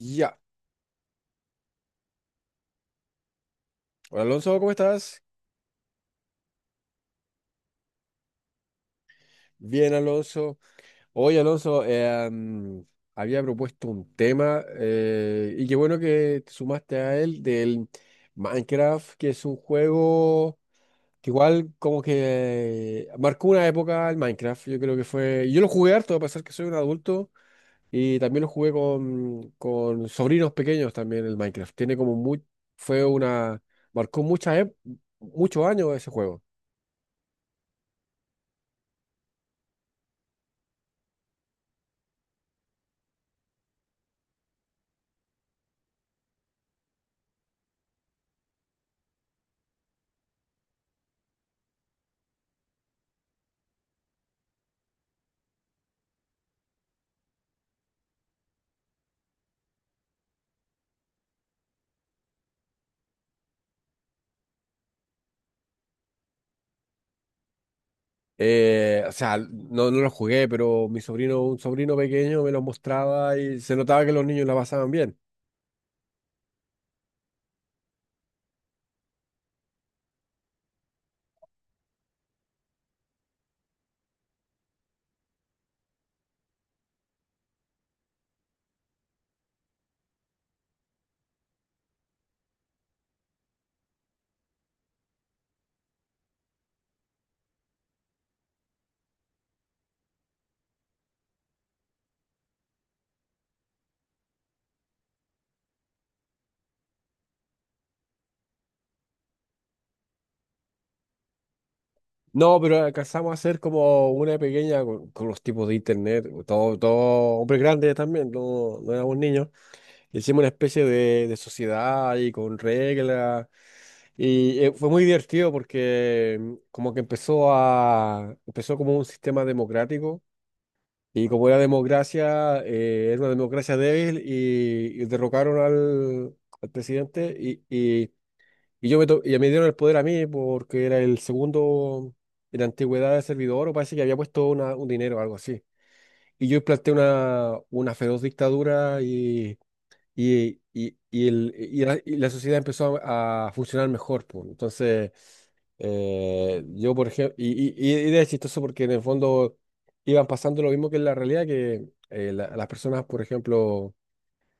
Ya. Hola Alonso, ¿cómo estás? Bien, Alonso. Hoy, Alonso, había propuesto un tema y qué bueno que te sumaste a él del Minecraft, que es un juego que igual como que marcó una época el Minecraft. Yo creo que fue... Yo lo jugué harto, a pesar que soy un adulto, y también lo jugué con sobrinos pequeños también el Minecraft. Tiene como muy... Fue una... Marcó muchas ep- muchos años ese juego. O sea, no lo jugué, pero mi sobrino, un sobrino pequeño me lo mostraba y se notaba que los niños la pasaban bien. No, pero alcanzamos a hacer como una pequeña con los tipos de internet, todo hombres grandes también, no, no éramos niños. Hicimos una especie de sociedad y con reglas. Y fue muy divertido porque como que empezó como un sistema democrático. Y como era democracia, era una democracia débil y derrocaron al presidente y y me dieron el poder a mí porque era el segundo en antigüedad de servidor, o parece que había puesto un dinero o algo así. Y yo implanté una feroz dictadura y la sociedad a funcionar mejor, pues. Entonces... yo, por ejemplo, y era chistoso porque en el fondo iban pasando lo mismo que en la realidad, que las personas, por ejemplo,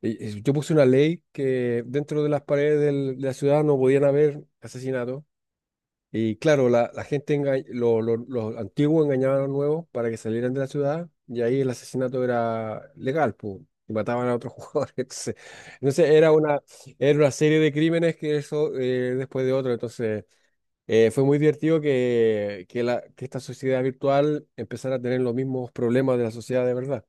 y yo puse una ley que dentro de las paredes de la ciudad no podían haber asesinatos. Y claro, la gente, los antiguos engañaban a los nuevos para que salieran de la ciudad y ahí el asesinato era legal, pues, y mataban a otros jugadores. Entonces era una serie de crímenes, que eso después de otro. Entonces... fue muy divertido que, la, que esta sociedad virtual empezara a tener los mismos problemas de la sociedad de verdad.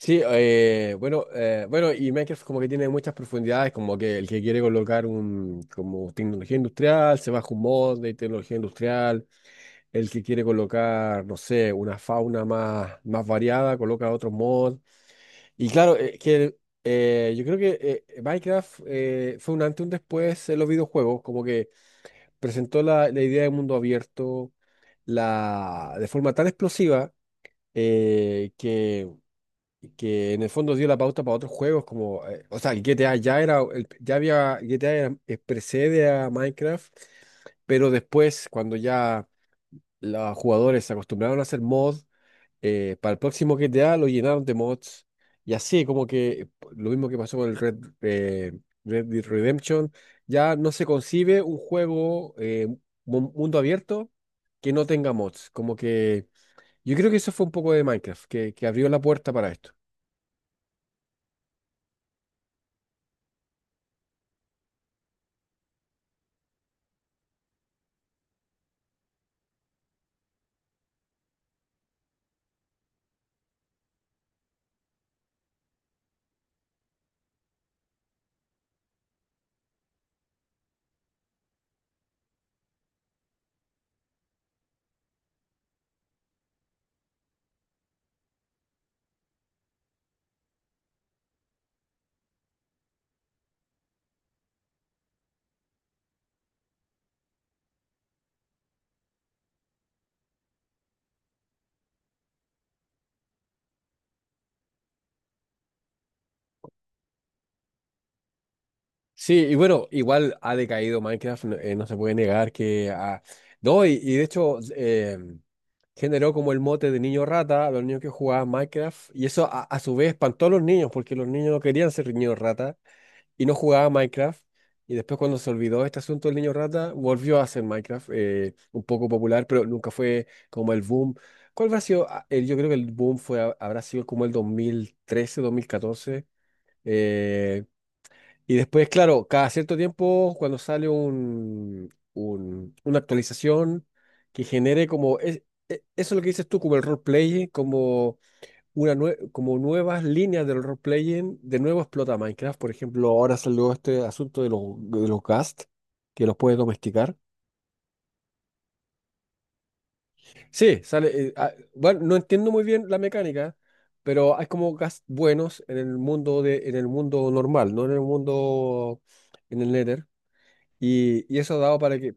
Sí, bueno, y Minecraft como que tiene muchas profundidades, como que el que quiere colocar un, como tecnología industrial, se baja un mod de tecnología industrial, el que quiere colocar, no sé, una fauna más variada, coloca otro mod. Y claro, que yo creo que Minecraft fue un antes y un después en los videojuegos, como que presentó la idea de mundo abierto, la, de forma tan explosiva, eh, que, que en el fondo dio la pauta para otros juegos como, o sea, el GTA ya había, precede a Minecraft, pero después cuando ya los jugadores se acostumbraron a hacer mod, para el próximo GTA lo llenaron de mods. Y así, como que lo mismo que pasó con el Red, eh, Red Dead Redemption, ya no se concibe un juego mundo abierto que no tenga mods. Como que yo creo que eso fue un poco de Minecraft, que abrió la puerta para esto. Sí, y bueno, igual ha decaído Minecraft, no, no se puede negar que... ha- no, y de hecho generó como el mote de niño rata a los niños que jugaban Minecraft, y eso a su vez espantó a los niños, porque los niños no querían ser niños rata y no jugaban Minecraft, y después cuando se olvidó este asunto del niño rata, volvió a ser Minecraft un poco popular, pero nunca fue como el boom. ¿Cuál habrá sido? Ah, yo creo que el boom fue, habrá sido como el 2013, 2014, eh, y después, claro, cada cierto tiempo, cuando sale una actualización que genere como, eso es lo que dices tú, como el roleplay, como, como nuevas líneas del roleplay, de nuevo explota Minecraft. Por ejemplo, ahora salió este asunto de de los ghast, que los puedes domesticar. Sí, sale, bueno, no entiendo muy bien la mecánica, pero hay como ghast buenos en el mundo, de, en el mundo normal, no en el mundo, en el Nether. Y eso dado para que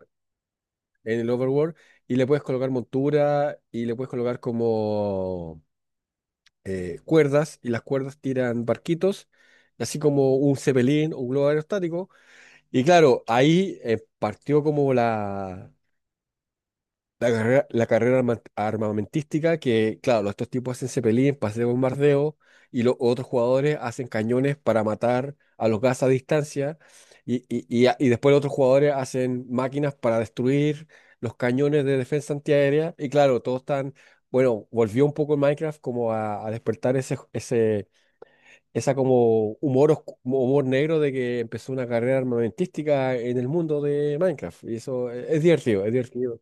en el overworld, y le puedes colocar montura y le puedes colocar como cuerdas, y las cuerdas tiran barquitos, así como un cepelín o un globo aerostático. Y claro, ahí partió como la carrera, la carrera armamentística que, claro, estos tipos hacen cepelín para hacer bombardeo, y los otros jugadores hacen cañones para matar a los gas a distancia, y después los otros jugadores hacen máquinas para destruir los cañones de defensa antiaérea, y claro, todos están, bueno, volvió un poco el Minecraft como a despertar esa como humor, humor negro de que empezó una carrera armamentística en el mundo de Minecraft, y eso es divertido, es divertido.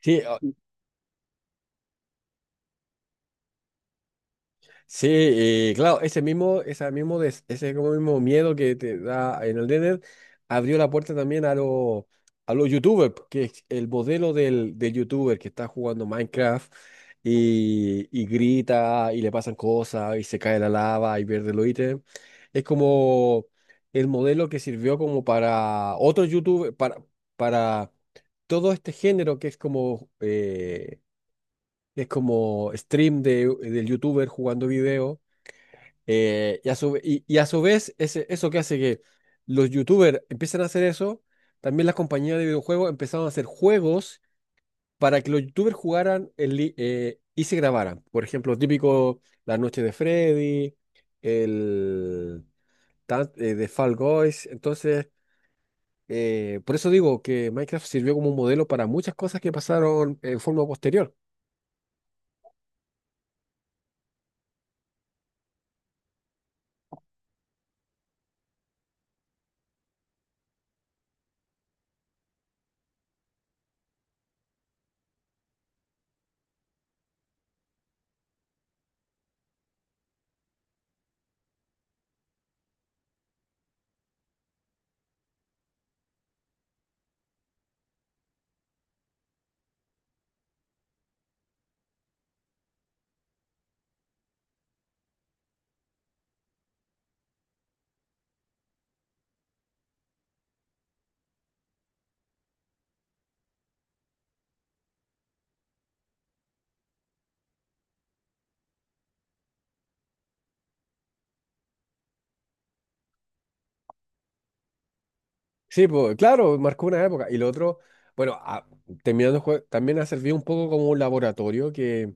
Sí, sí, y claro, ese mismo, ese como mismo miedo que te da en el Nether abrió la puerta también a los, a los YouTubers, que es el modelo del YouTuber que está jugando Minecraft, y grita y le pasan cosas y se cae la lava y pierde los ítems. Es como el modelo que sirvió como para otros YouTubers, para todo este género que es como stream del YouTuber jugando video, y a su vez, eso que hace que los youtubers empiecen a hacer eso, también las compañías de videojuegos empezaron a hacer juegos para que los youtubers jugaran y se grabaran. Por ejemplo, típico La Noche de Freddy, el de Fall Guys. Entonces, por eso digo que Minecraft sirvió como un modelo para muchas cosas que pasaron en forma posterior. Sí, pues claro, marcó una época. Y lo otro, bueno, terminando el juego, también ha servido un poco como un laboratorio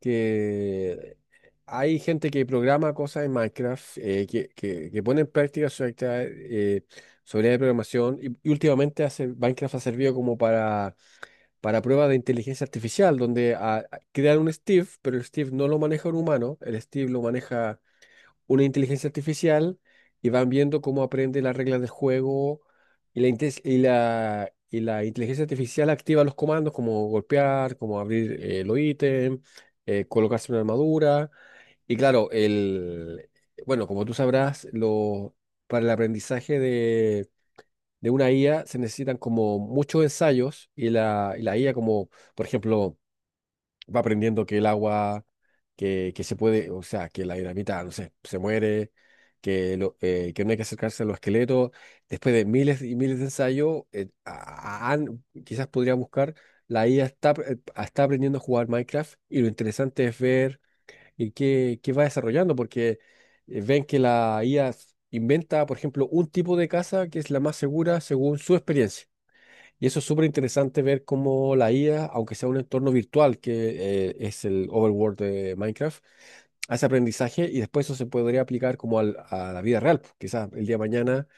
que hay gente que programa cosas en Minecraft, que pone en práctica su actividad, su habilidad de programación. Y últimamente hace, Minecraft ha servido como para pruebas de inteligencia artificial, donde crean un Steve, pero el Steve no lo maneja un humano, el Steve lo maneja una inteligencia artificial, y van viendo cómo aprende las reglas del juego y la inteligencia artificial activa los comandos como golpear, como abrir los ítems, colocarse una armadura. Y claro, el, bueno, como tú sabrás, lo, para el aprendizaje de una IA se necesitan como muchos ensayos, y la IA como, por ejemplo, va aprendiendo que el agua, que se puede, o sea, que la dinamita, no sé, se muere, que no hay que acercarse a los esqueletos. Después de miles y miles de ensayos, quizás podría buscar, la IA está, está aprendiendo a jugar Minecraft, y lo interesante es ver qué va desarrollando, porque ven que la IA inventa, por ejemplo, un tipo de casa que es la más segura según su experiencia. Y eso es súper interesante ver cómo la IA, aunque sea un entorno virtual, que es el overworld de Minecraft, hace aprendizaje y después eso se podría aplicar como a la vida real, pues. Quizás el día de mañana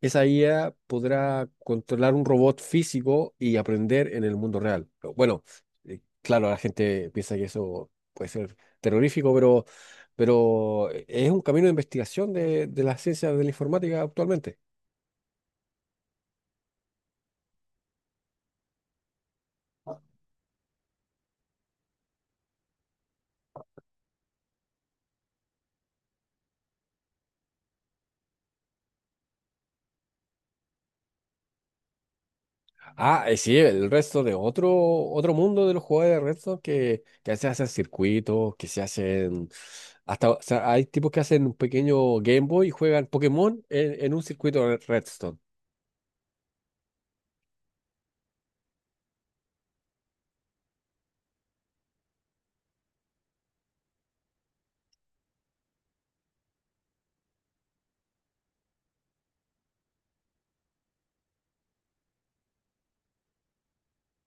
esa IA podrá controlar un robot físico y aprender en el mundo real. Pero bueno, claro, la gente piensa que eso puede ser terrorífico, pero, es un camino de investigación de las ciencias de la informática actualmente. Ah, sí, el resto de otro mundo de los jugadores de Redstone que se hacen circuitos, que se hacen... Hasta, o sea, hay tipos que hacen un pequeño Game Boy y juegan Pokémon en un circuito de Redstone.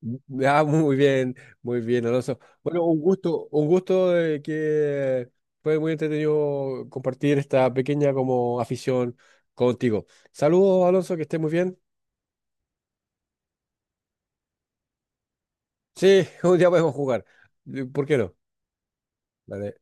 Ah, muy bien, Alonso. Bueno, un gusto de que fue muy entretenido compartir esta pequeña como afición contigo. Saludos, Alonso, que estés muy bien. Sí, un día podemos jugar. ¿Por qué no? Vale.